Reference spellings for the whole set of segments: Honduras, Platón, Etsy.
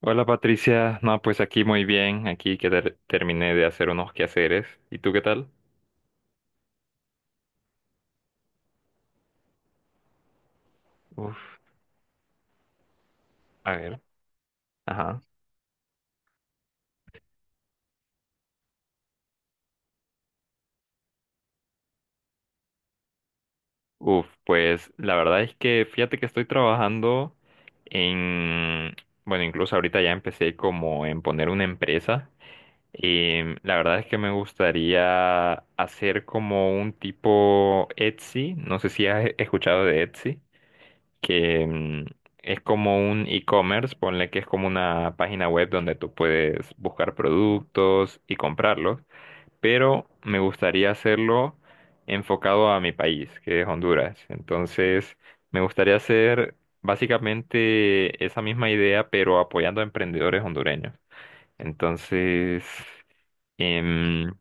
Hola Patricia, no, pues aquí muy bien, aquí que terminé de hacer unos quehaceres. ¿Y tú qué tal? Uf, a ver, ajá. Uf, pues la verdad es que fíjate que estoy trabajando en, bueno, incluso ahorita ya empecé como en poner una empresa. Y la verdad es que me gustaría hacer como un tipo Etsy, no sé si has escuchado de Etsy. Que es como un e-commerce, ponle que es como una página web donde tú puedes buscar productos y comprarlos, pero me gustaría hacerlo enfocado a mi país, que es Honduras. Entonces, me gustaría hacer básicamente esa misma idea, pero apoyando a emprendedores hondureños. Entonces, em,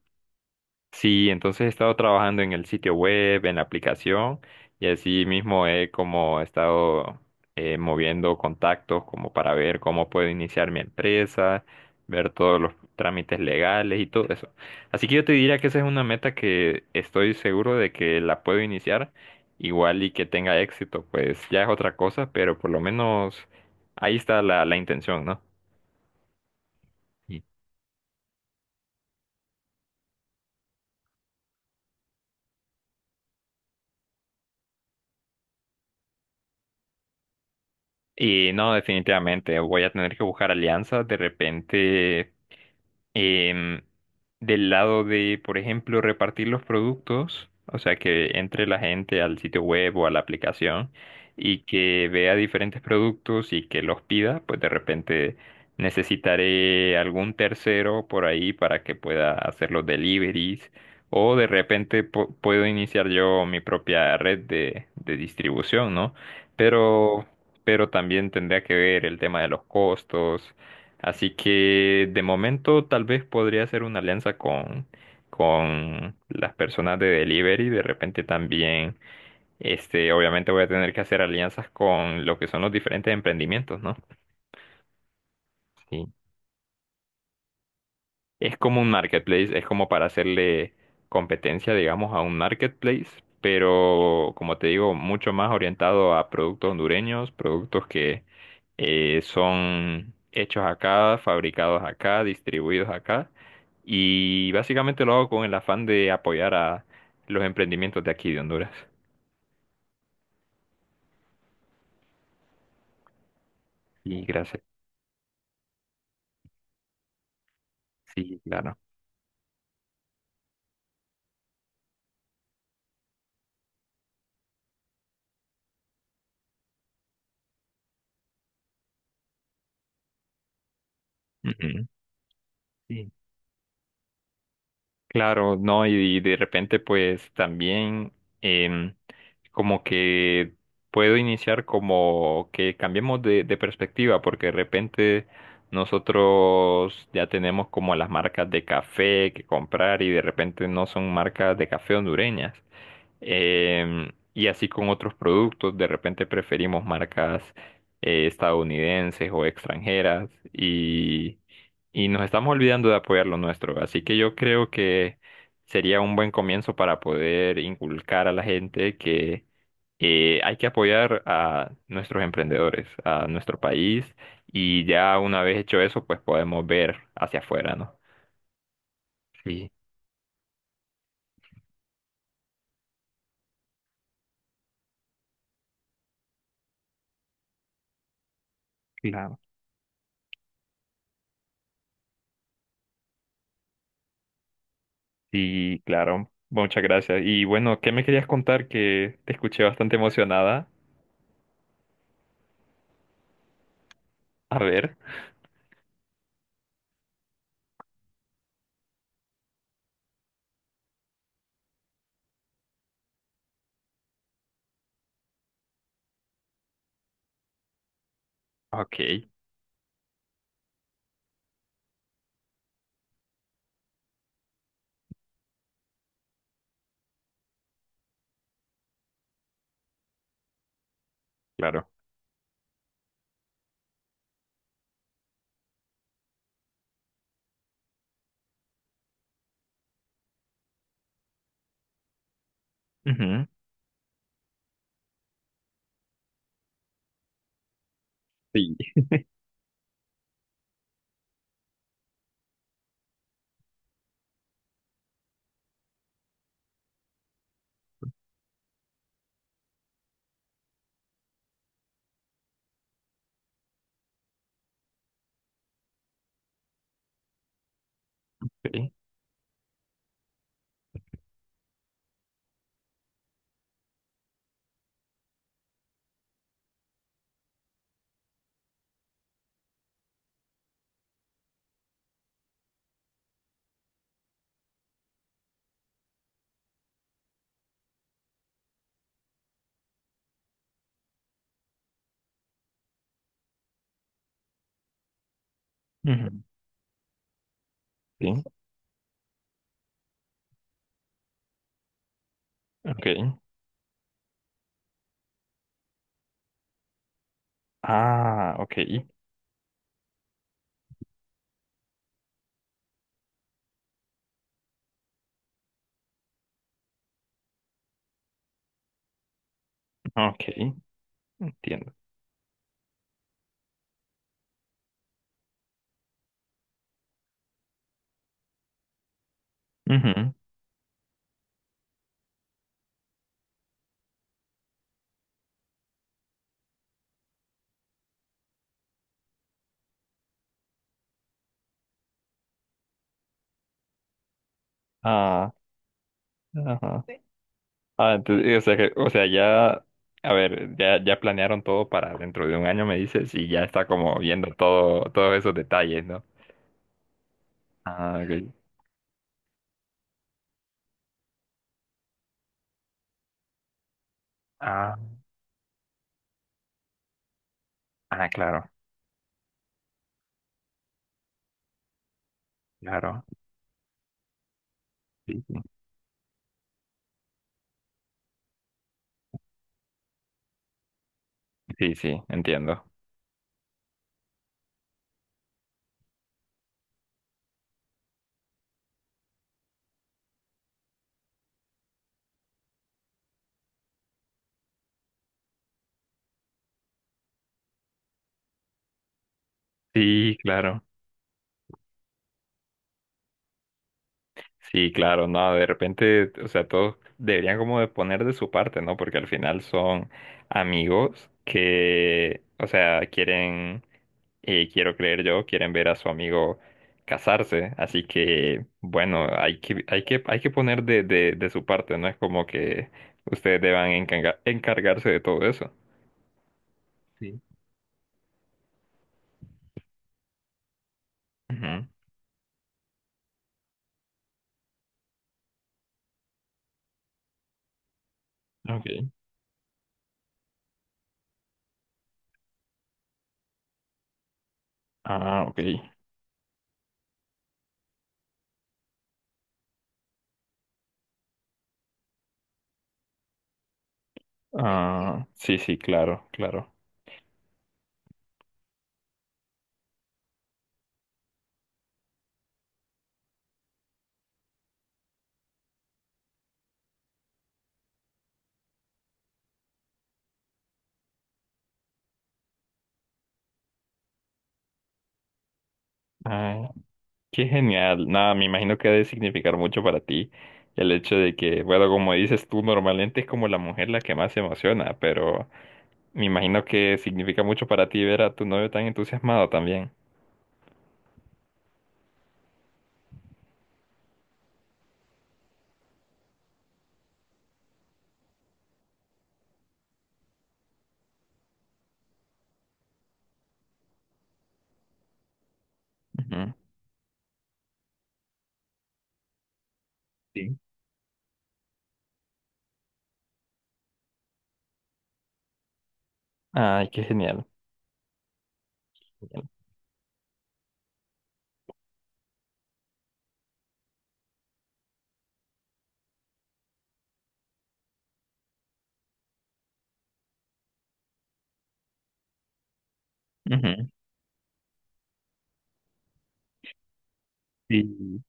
sí, entonces he estado trabajando en el sitio web, en la aplicación, y así mismo he como estado moviendo contactos como para ver cómo puedo iniciar mi empresa, ver todos los trámites legales y todo eso. Así que yo te diría que esa es una meta que estoy seguro de que la puedo iniciar, igual y que tenga éxito, pues ya es otra cosa, pero por lo menos ahí está la intención, ¿no? Y no, definitivamente voy a tener que buscar alianzas de repente em, del lado de, por ejemplo, repartir los productos, o sea, que entre la gente al sitio web o a la aplicación y que vea diferentes productos y que los pida, pues de repente necesitaré algún tercero por ahí para que pueda hacer los deliveries o de repente puedo iniciar yo mi propia red de distribución, ¿no? Pero, pero también tendría que ver el tema de los costos. Así que de momento tal vez podría hacer una alianza con las personas de delivery. De repente también, este, obviamente voy a tener que hacer alianzas con lo que son los diferentes emprendimientos, ¿no? Sí. Es como un marketplace, es como para hacerle competencia, digamos, a un marketplace, pero como te digo, mucho más orientado a productos hondureños, productos que son hechos acá, fabricados acá, distribuidos acá. Y básicamente lo hago con el afán de apoyar a los emprendimientos de aquí de Honduras. Y gracias. Sí, claro. Ujú. Sí. Claro, no, y de repente pues también em, como que puedo iniciar como que cambiemos de perspectiva, porque de repente nosotros ya tenemos como las marcas de café que comprar y de repente no son marcas de café hondureñas. Em, y así con otros productos, de repente preferimos marcas estadounidenses o extranjeras y nos estamos olvidando de apoyar lo nuestro. Así que yo creo que sería un buen comienzo para poder inculcar a la gente que hay que apoyar a nuestros emprendedores, a nuestro país y ya una vez hecho eso, pues podemos ver hacia afuera, ¿no? Sí, claro. Sí, claro. Muchas gracias. Y bueno, ¿qué me querías contar? Que te escuché bastante emocionada. A ver. Ok, claro. Ujú. Sí, sí. Ujú. Sí, ok. Ah, ok. Ok, entiendo. Ujú. Ah, ajá. Sí. Ah, entonces, o sea o sea, ya, a ver, ya, ya planearon todo para dentro de un año, me dices, y ya está como viendo todo, todos esos detalles, ¿no? Ah, ok. Ah, ah, claro, claro. Sí, sí. Sí, sí, entiendo. Sí, claro. Sí, claro, no, de repente, o sea, todos deberían como de poner de su parte, ¿no? Porque al final son amigos que, o sea, quieren, quiero creer yo, quieren ver a su amigo casarse, así que, bueno, hay que, hay que, hay que poner de, de su parte, no es como que ustedes deban encargarse de todo eso. Sí. Ujú. Ok. Ah, ok. Ah, sí, sí, claro, claro. Ah, qué genial. Nada, me imagino que ha de significar mucho para ti el hecho de que, bueno, como dices tú, normalmente es como la mujer la que más se emociona, pero me imagino que significa mucho para ti ver a tu novio tan entusiasmado también. Ujú. Sí. Ay, qué genial. Ujú. Sí.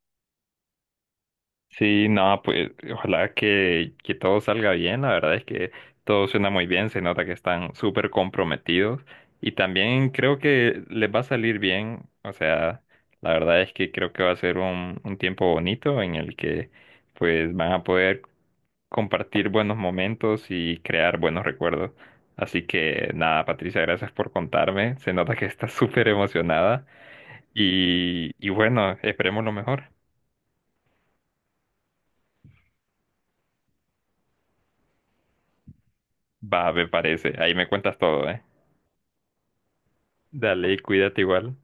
Sí, no, pues ojalá que todo salga bien. La verdad es que todo suena muy bien, se nota que están súper comprometidos y también creo que les va a salir bien. O sea, la verdad es que creo que va a ser un tiempo bonito en el que pues van a poder compartir buenos momentos y crear buenos recuerdos. Así que nada, Patricia, gracias por contarme. Se nota que estás súper emocionada y bueno, esperemos lo mejor. Va, me parece. Ahí me cuentas todo, ¿eh? Dale, y cuídate igual.